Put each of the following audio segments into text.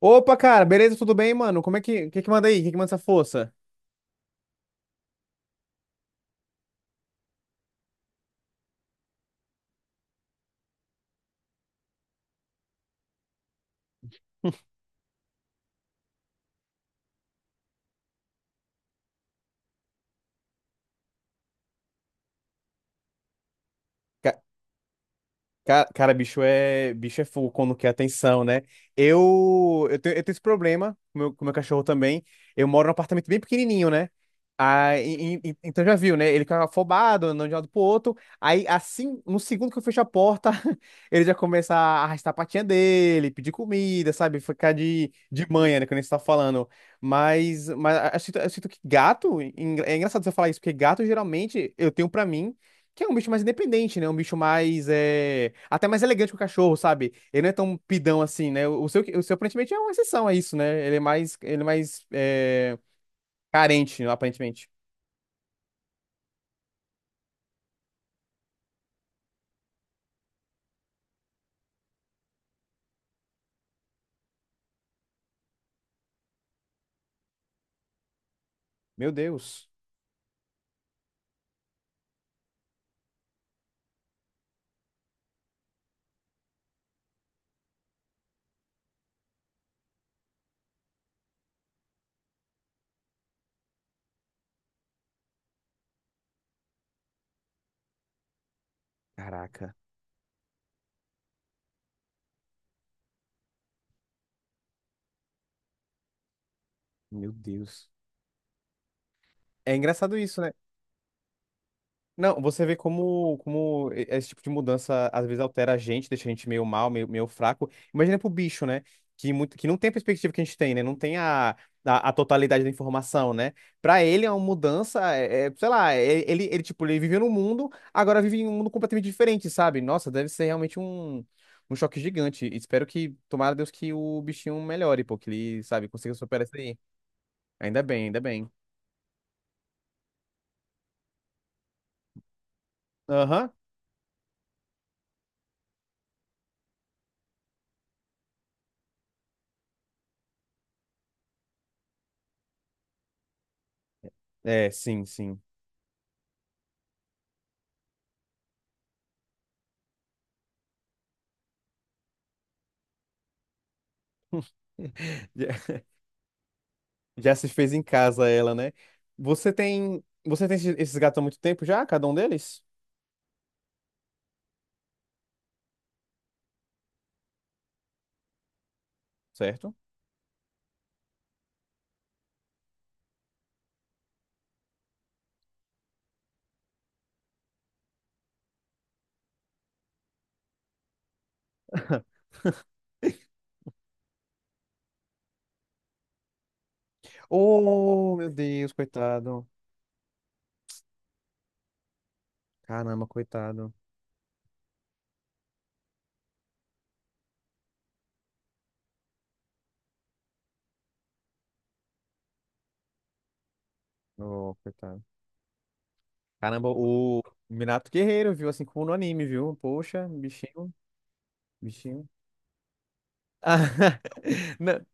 Opa, cara, beleza? Tudo bem, mano? Como é que, que manda aí? Que manda essa força? Cara, bicho é fogo quando quer atenção, né? Eu tenho esse problema com o meu cachorro também. Eu moro num apartamento bem pequenininho, né? Ah, então já viu, né? Ele fica afobado, andando de um lado pro outro. Aí, assim, no segundo que eu fecho a porta, ele já começa a arrastar a patinha dele, pedir comida, sabe? Ficar de manha, né? Quando a gente tá falando. Mas, eu sinto que gato, é engraçado você falar isso, porque gato geralmente eu tenho pra mim. Que é um bicho mais independente, né? Um bicho mais. É... até mais elegante que o cachorro, sabe? Ele não é tão pidão assim, né? O seu aparentemente é uma exceção a isso, né? Ele é mais é... carente, aparentemente. Meu Deus. Caraca. Meu Deus. É engraçado isso, né? Não, você vê como esse tipo de mudança às vezes altera a gente, deixa a gente meio mal, meio fraco. Imagina pro bicho, né? Que, muito, que não tem a perspectiva que a gente tem, né? Não tem a totalidade da informação, né? Pra ele, é uma mudança, sei lá, ele, tipo, ele vivia num mundo, agora vive em um mundo completamente diferente, sabe? Nossa, deve ser realmente um choque gigante. Espero que, tomara Deus, que o bichinho melhore, pô, que ele, sabe, consiga superar isso aí. Ainda bem, ainda bem. Aham. É, sim, sim. Já se fez em casa ela, né? Você tem esses gatos há muito tempo já, cada um deles? Certo? Oh, meu Deus, coitado. Caramba, coitado. Oh, coitado. Caramba, o Minato Guerreiro, viu? Assim como no anime, viu? Poxa, bichinho, bichinho. Ah, não.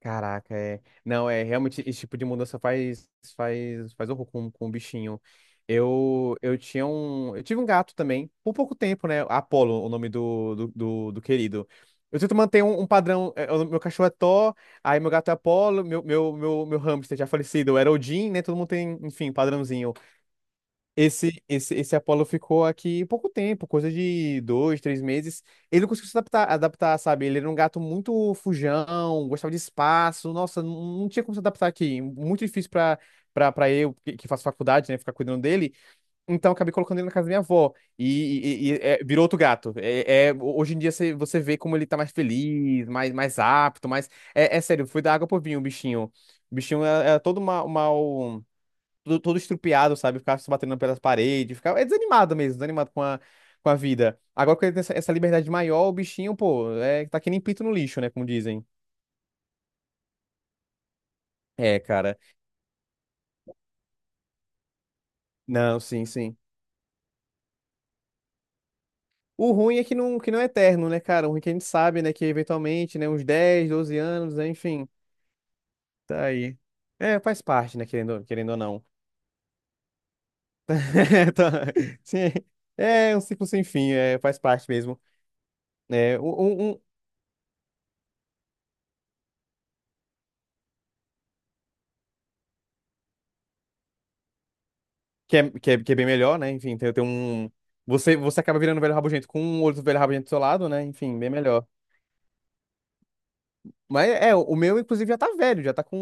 Caraca, é. Não, é realmente esse tipo de mudança faz horror com o bichinho. Eu tive um gato também, por pouco tempo, né? Apolo, o nome do querido. Eu tento manter um padrão. É, o meu cachorro é Thor, aí meu gato é Apolo, meu hamster já falecido era Odin, né? Todo mundo tem, enfim, padrãozinho. Esse Apollo ficou aqui pouco tempo, coisa de dois, três meses. Ele não conseguiu se adaptar, sabe? Ele era um gato muito fujão, gostava de espaço. Nossa, não, não tinha como se adaptar aqui. Muito difícil pra eu, que faço faculdade, né? Ficar cuidando dele. Então, acabei colocando ele na casa da minha avó. E virou outro gato. Hoje em dia você vê como ele tá mais feliz, mais, mais apto, mais. É, é sério, foi da água pro vinho o bichinho. O bichinho era todo mal. Todo estrupiado, sabe? Ficava se batendo pelas paredes, ficava é desanimado mesmo, desanimado com a vida. Agora que ele tem essa liberdade maior, o bichinho, pô, é, tá que nem pito no lixo, né? Como dizem. É, cara. Não, sim, sim. O ruim é que não, é eterno, né, cara? O ruim é que a gente sabe, né, que eventualmente, né, uns 10, 12 anos, né, enfim, tá aí. É, faz parte, né, querendo ou não. Tá. Sim. É um ciclo sem fim, é, faz parte mesmo. É, um, um- que é bem melhor, né? Enfim, tem um. Você acaba virando um velho rabugento com um outro velho rabugento do seu lado, né? Enfim, bem melhor. Mas é, o meu, inclusive, já tá velho, já tá com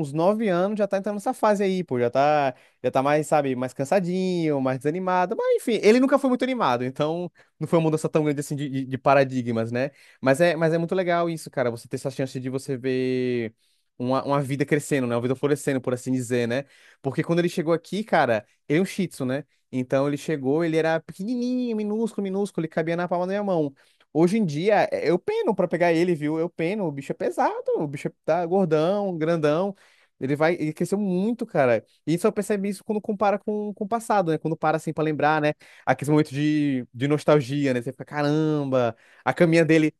uns 9 anos, já tá entrando nessa fase aí, pô. Já tá mais, sabe, mais cansadinho, mais desanimado. Mas enfim, ele nunca foi muito animado, então não foi uma mudança tão grande assim de, de paradigmas, né? Mas é muito legal isso, cara. Você ter essa chance de você ver uma vida crescendo, né? Uma vida florescendo, por assim dizer, né? Porque quando ele chegou aqui, cara, ele é um Shih Tzu, né? Então ele chegou, ele era pequenininho, minúsculo, minúsculo, ele cabia na palma da minha mão. Hoje em dia, eu peno pra pegar ele, viu? Eu peno, o bicho é pesado, o bicho tá gordão, grandão. Ele cresceu muito, cara. E só percebe isso quando compara com o passado, né? Quando para assim pra lembrar, né? Aqueles momentos de nostalgia, né? Você fica, caramba, a caminha dele.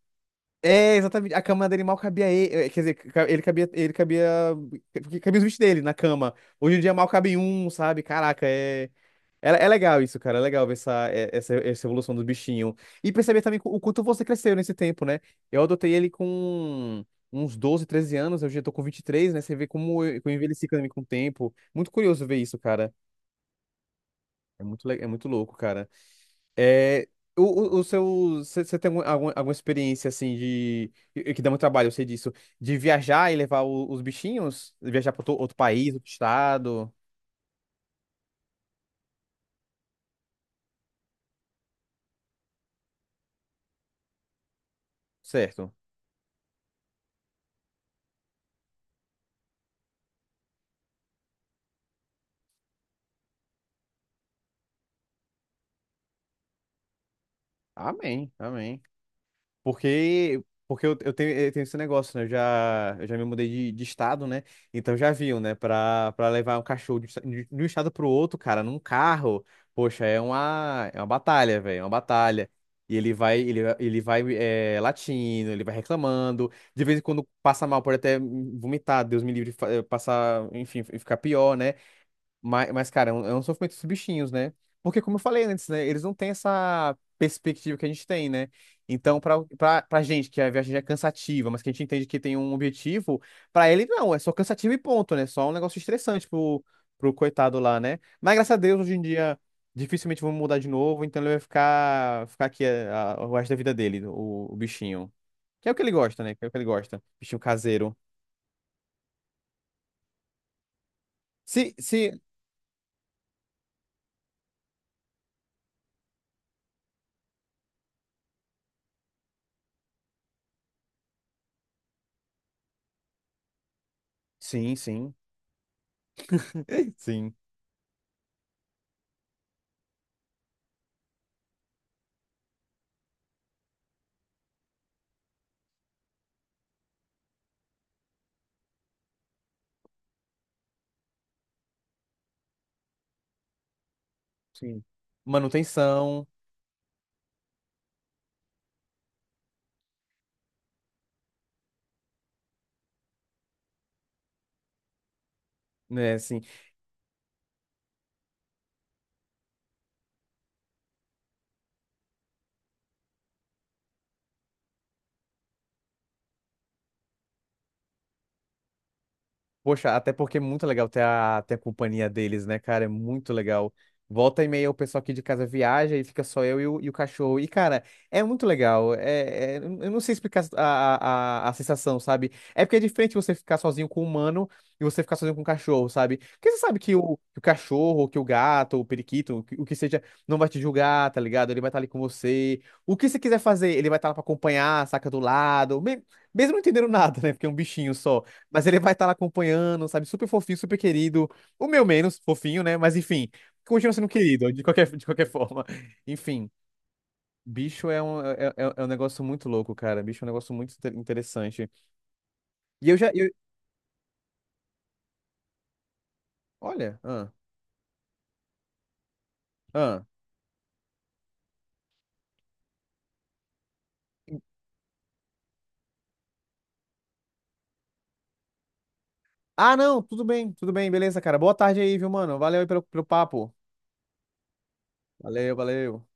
É, exatamente, a cama dele mal cabia ele. Quer dizer, ele cabia, ele cabia. Cabia os bichos dele na cama. Hoje em dia mal cabe um, sabe? Caraca, é. É, é legal isso, cara. É legal ver essa, essa evolução do bichinho. E perceber também o quanto você cresceu nesse tempo, né? Eu adotei ele com uns 12, 13 anos. Eu já tô com 23, né? Você vê como eu envelheci também com o tempo. Muito curioso ver isso, cara. É muito, é muito louco, cara. É, o, o seu, você tem alguma experiência, assim, que dá muito trabalho, eu sei disso. De viajar e levar os bichinhos? Viajar para outro país, outro estado? Certo. Amém, amém. Porque, porque eu tenho esse negócio, né? Eu já me mudei de estado, né? Então já viu, né? Pra levar um cachorro de um estado pro outro, cara, num carro, poxa, é uma batalha, velho, é uma batalha. E ele vai latindo, ele vai reclamando. De vez em quando passa mal, pode até vomitar, Deus me livre, passar, enfim, ficar pior, né? Mas, cara, é um sofrimento dos bichinhos, né? Porque, como eu falei antes, né? Eles não têm essa perspectiva que a gente tem, né? Então, pra gente, que a viagem já é cansativa, mas que a gente entende que tem um objetivo, pra ele não, é só cansativo e ponto, né? Só um negócio estressante pro coitado lá, né? Mas, graças a Deus, hoje em dia, dificilmente vão mudar de novo, então ele vai ficar aqui o resto da vida dele, o bichinho. Que é o que ele gosta, né? Que é o que ele gosta. Bichinho caseiro. Se... Sim, sim. Sim. Sim. Manutenção, né? Assim, poxa, até porque é muito legal ter a, companhia deles, né, cara? É muito legal. Volta e meia o pessoal aqui de casa viaja e fica só eu e e o cachorro. E, cara, é muito legal. É, eu não sei explicar a sensação, sabe? É porque é diferente você ficar sozinho com o humano e você ficar sozinho com o cachorro, sabe? Porque você sabe que que o cachorro, que o gato, o periquito, o que seja, não vai te julgar, tá ligado? Ele vai estar ali com você. O que você quiser fazer, ele vai estar lá pra acompanhar, saca do lado. Mesmo não entendendo nada, né? Porque é um bichinho só. Mas ele vai estar lá acompanhando, sabe? Super fofinho, super querido. O meu menos fofinho, né? Mas enfim, continua sendo querido, de qualquer forma. Enfim, bicho é um negócio muito louco, cara. Bicho é um negócio muito interessante. E eu já. eu- Olha. Ah, ah. Ah, não, tudo bem, beleza, cara. Boa tarde aí, viu, mano? Valeu aí pelo papo. Valeu, valeu.